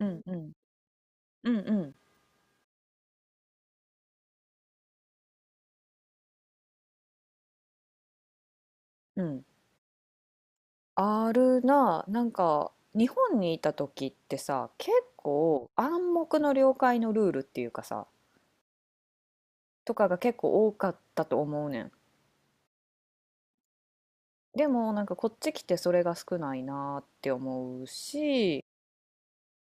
うんうん。うんうんうん。あるな。なんか、日本にいた時ってさ、結構暗黙の了解のルールっていうかさ、とかが結構多かったと思うねん。でもなんかこっち来てそれが少ないなって思うし、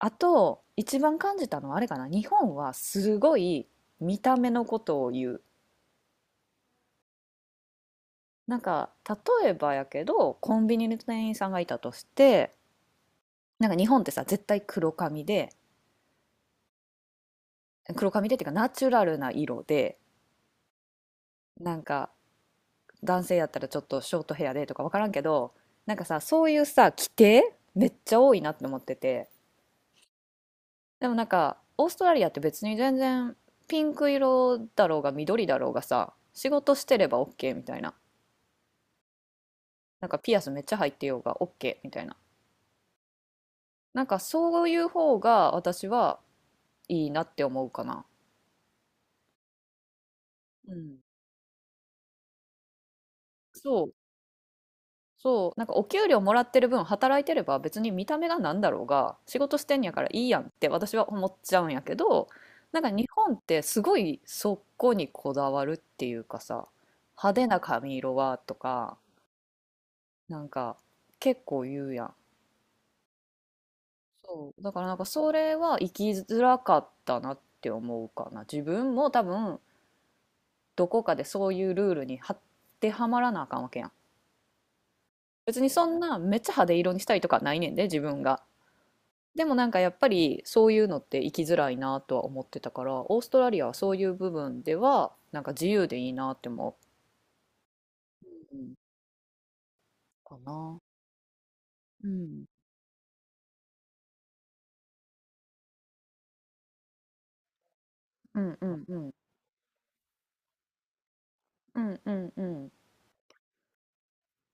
あと一番感じたのはあれかな。日本はすごい見た目のことを言う。なんか例えばやけどコンビニの店員さんがいたとして、なんか日本ってさ絶対黒髪で黒髪でっていうかナチュラルな色で、なんか男性やったらちょっとショートヘアでとか分からんけど、なんかさそういうさ規定めっちゃ多いなって思ってて、でもなんかオーストラリアって別に全然ピンク色だろうが緑だろうがさ仕事してれば OK みたいな、なんかピアスめっちゃ入ってようが OK みたいな、なんかそういう方が私はいいなって思うかな。うん、そうそう、なんかお給料もらってる分働いてれば別に見た目がなんだろうが仕事してんやからいいやんって私は思っちゃうんやけど、なんか日本ってすごいそこにこだわるっていうかさ、派手な髪色はとか、なんか結構言うやん。そう、だからなんかそれは生きづらかったなって思うかな。自分も多分どこかでそういうルールにはってはまらなあかんわけやん。別にそんなめっちゃ派手色にしたいとかないねんで、自分が。でもなんかやっぱりそういうのって生きづらいなとは思ってたから、オーストラリアはそういう部分ではなんか自由でいいなって思う、うん、かな。う。うんうんうん。うんうんうん。うん。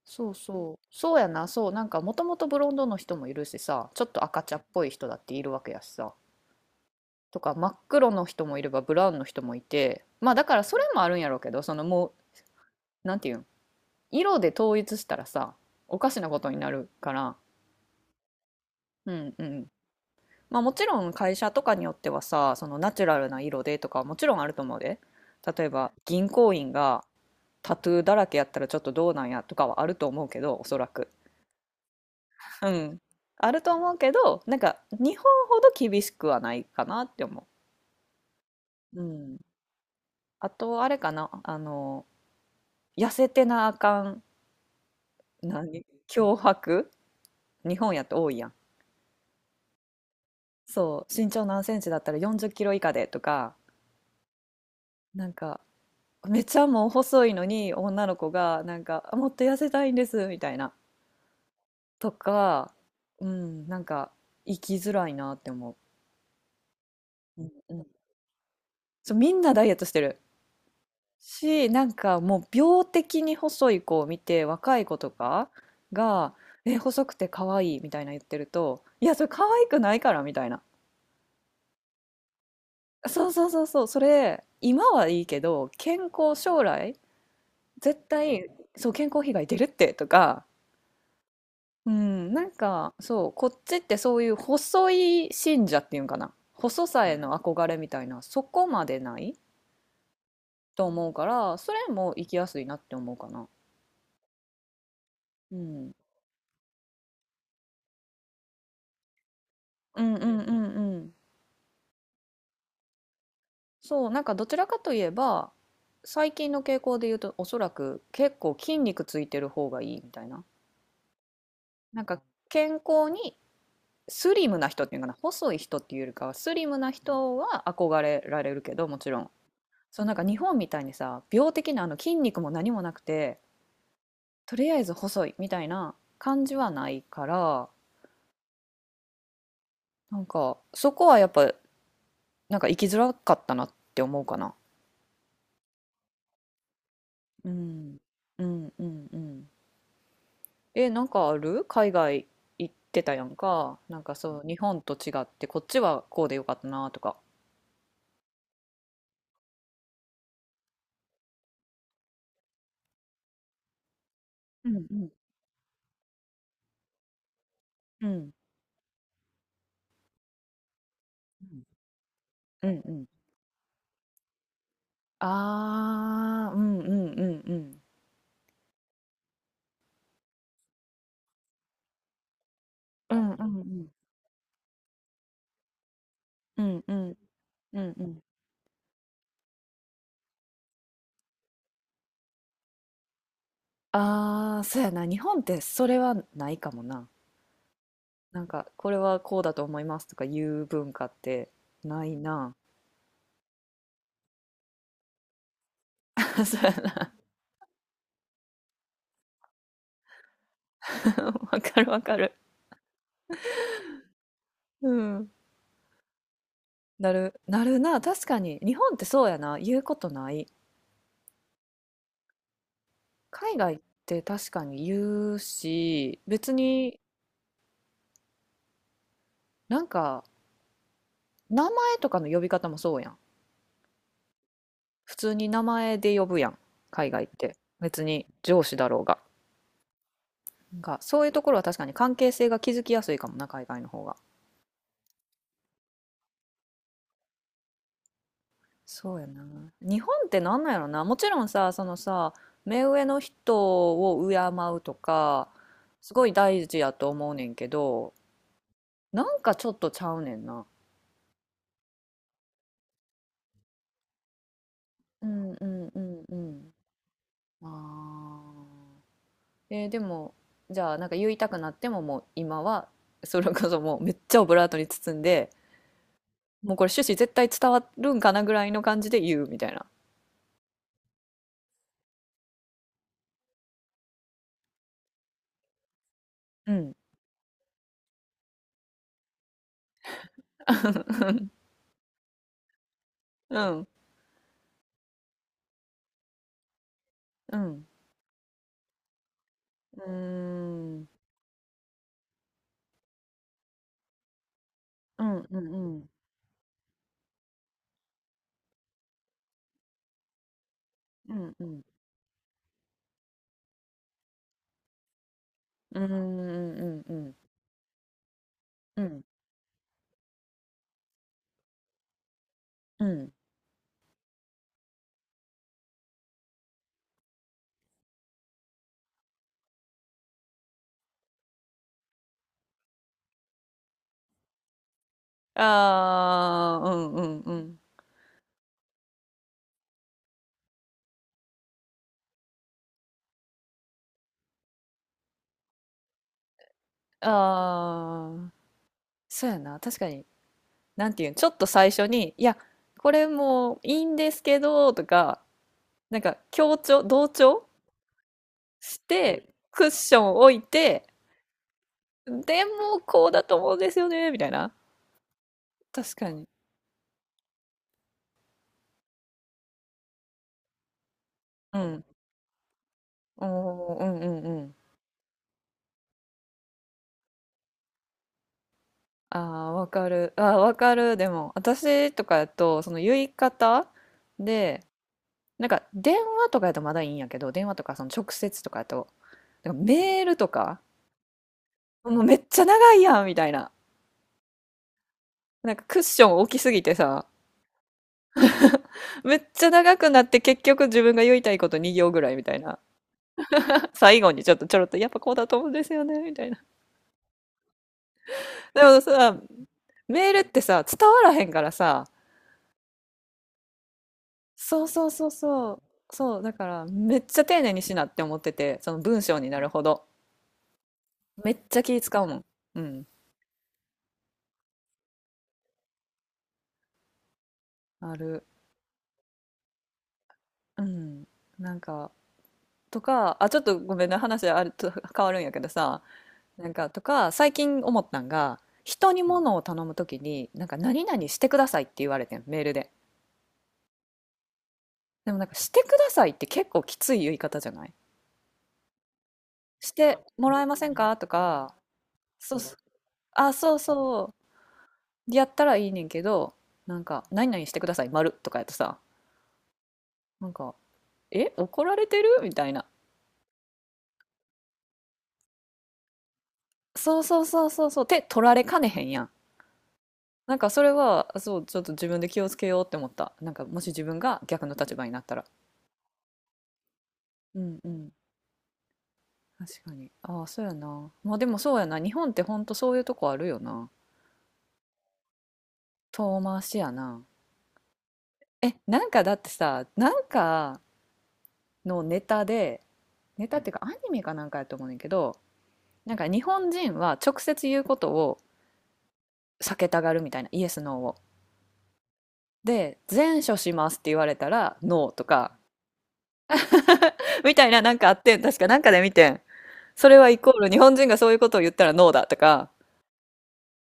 そうそうそうやな。そう、なんかもともとブロンドの人もいるしさ、ちょっと赤茶っぽい人だっているわけやしさ、とか真っ黒の人もいればブラウンの人もいて、まあだからそれもあるんやろうけど、そのもうなんていうん、色で統一したらさおかしなことになるから。うんうん。まあもちろん会社とかによってはさ、そのナチュラルな色でとかはもちろんあると思うで。例えば銀行員がタトゥーだらけやったらちょっとどうなんやとかはあると思うけど、おそらく。うん。あると思うけど、なんか日本ほど厳しくはないかなって思う。うん。あとあれかな、痩せてなあかん、何脅迫、日本やと多いやん。そう、身長何センチだったら40キロ以下でとか、なんかめっちゃもう細いのに女の子がなんか、あ、もっと痩せたいんですみたいな、とか、うん、なんか生きづらいなって思う、うんうん、そうみんなダイエットしてるし、なんかもう病的に細い子を見て若い子とかが「え、細くて可愛い」みたいな言ってると、「いやそれ可愛くないから」みたいな、そうそうそうそう、それ今はいいけど健康、将来絶対、そう健康被害出るってとか。うん、なんかそう、こっちってそういう細い信者っていうんかな、細さへの憧れみたいな、そこまでないと思うから、それも生きやすいなって思うかな。うん、うんうんうん。んうん。そう、なんかどちらかといえば、最近の傾向で言うと、おそらく結構筋肉ついてる方がいいみたいな。なんか健康にスリムな人っていうのかな、細い人っていうよりかは、スリムな人は憧れられるけど、もちろん。そうなんか日本みたいにさ、病的なあの筋肉も何もなくてとりあえず細いみたいな感じはないから、なんかそこはやっぱなんか生きづらかったなって思うかな。うん、うんうんうん。なんかある、海外行ってたやんか、なんかそう日本と違ってこっちはこうでよかったなとか。うんうんうん。うんうんうん。ああー。うんうん。うんうんうんうんうんうんうんうん。うん。ああ、そうやな。日本ってそれはないかもな。なんか、これはこうだと思いますとか言う文化ってないな。そうやな。わかるわかる。うん。なる、なるな。確かに。日本ってそうやな。言うことない。海外って確かに言うし、別になんか、名前とかの呼び方もそうやん。普通に名前で呼ぶやん。海外って。別に上司だろうが。なんか、そういうところは確かに関係性が築きやすいかもな、海外の方が。そうやな。日本ってなんなんやろな。もちろんさ、そのさ、目上の人を敬うとか、すごい大事やと思うねんけど、なんかちょっとちゃうねんな。うんうんうんうん。ああ。でも、じゃあなんか言いたくなってももう今は、それこそもうめっちゃオブラートに包んで、もうこれ趣旨絶対伝わるんかなぐらいの感じで言うみたいな。うん。うん。うん。うーん。うんうんうん。うんうんうんうんうんうんうんうん。ああ、うんうんうん。ああ、そうやな、確かに。なんていうん、ちょっと最初に「いや、これもういいんですけど」とか、なんか強調同調してクッション置いて「でもこうだと思うんですよね」みたいな、確かに。うん。おー、うんうんうん。ああわかる、ああわかる。でも私とかやとその言い方で、なんか電話とかやとまだいいんやけど、電話とかその直接とかやと、なんかメールとか、もうめっちゃ長いやんみたいな。なんかクッション大きすぎてさ、めっちゃ長くなって結局自分が言いたいこと2行ぐらいみたいな。最後にちょっとちょろっとやっぱこうだと思うんですよねみたいな。でもさ、メールってさ、伝わらへんからさ、そうそうそうそう、そう、だからめっちゃ丁寧にしなって思ってて、その文章になるほど。めっちゃ気使うもん。うん、ある。うん。なんか、とか、あ、ちょっとごめんね、話あると変わるんやけどさ、なんかとか、最近思ったんが、人に物を頼むときに、なんか何々してくださいって言われてん、メールで。でもなんかしてくださいって結構きつい言い方じゃない、してもらえませんかとか、そうそう、あ、そうそう、やったらいいねんけど、なんか何々してください、丸とかやとさ、なんか、え、怒られてるみたいな。そうそうそうそうそう、手取られかねへんやん。なんかそれは、そう、ちょっと自分で気をつけようって思った。なんかもし自分が逆の立場になったら。うんうん。確かに。ああ、そうやな。まあでもそうやな。日本ってほんとそういうとこあるよな。遠回しやな。え、なんかだってさ、なんかのネタで、ネタっていうかアニメかなんかやと思うねんけど、なんか日本人は直接言うことを避けたがるみたいな、イエス、ノーを。で、前処しますって言われたら、ノーとか、みたいな、なんかあってん、確かなんかで見てん。それはイコール日本人がそういうことを言ったらノーだとか、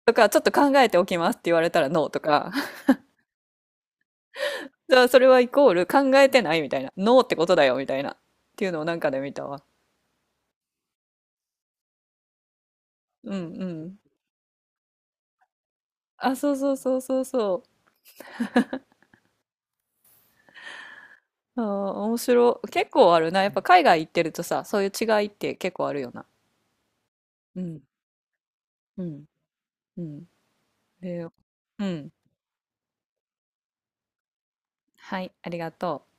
とか、ちょっと考えておきますって言われたらノーとか、じゃあそれはイコール考えてないみたいな、ノーってことだよみたいな、っていうのをなんかで見たわ。うんうん。あ、そうそうそうそうそう。あー、面白い。結構あるな。やっぱ海外行ってるとさ、そういう違いって結構あるよな。うん、うん、うん。で、うん。はい、ありがとう。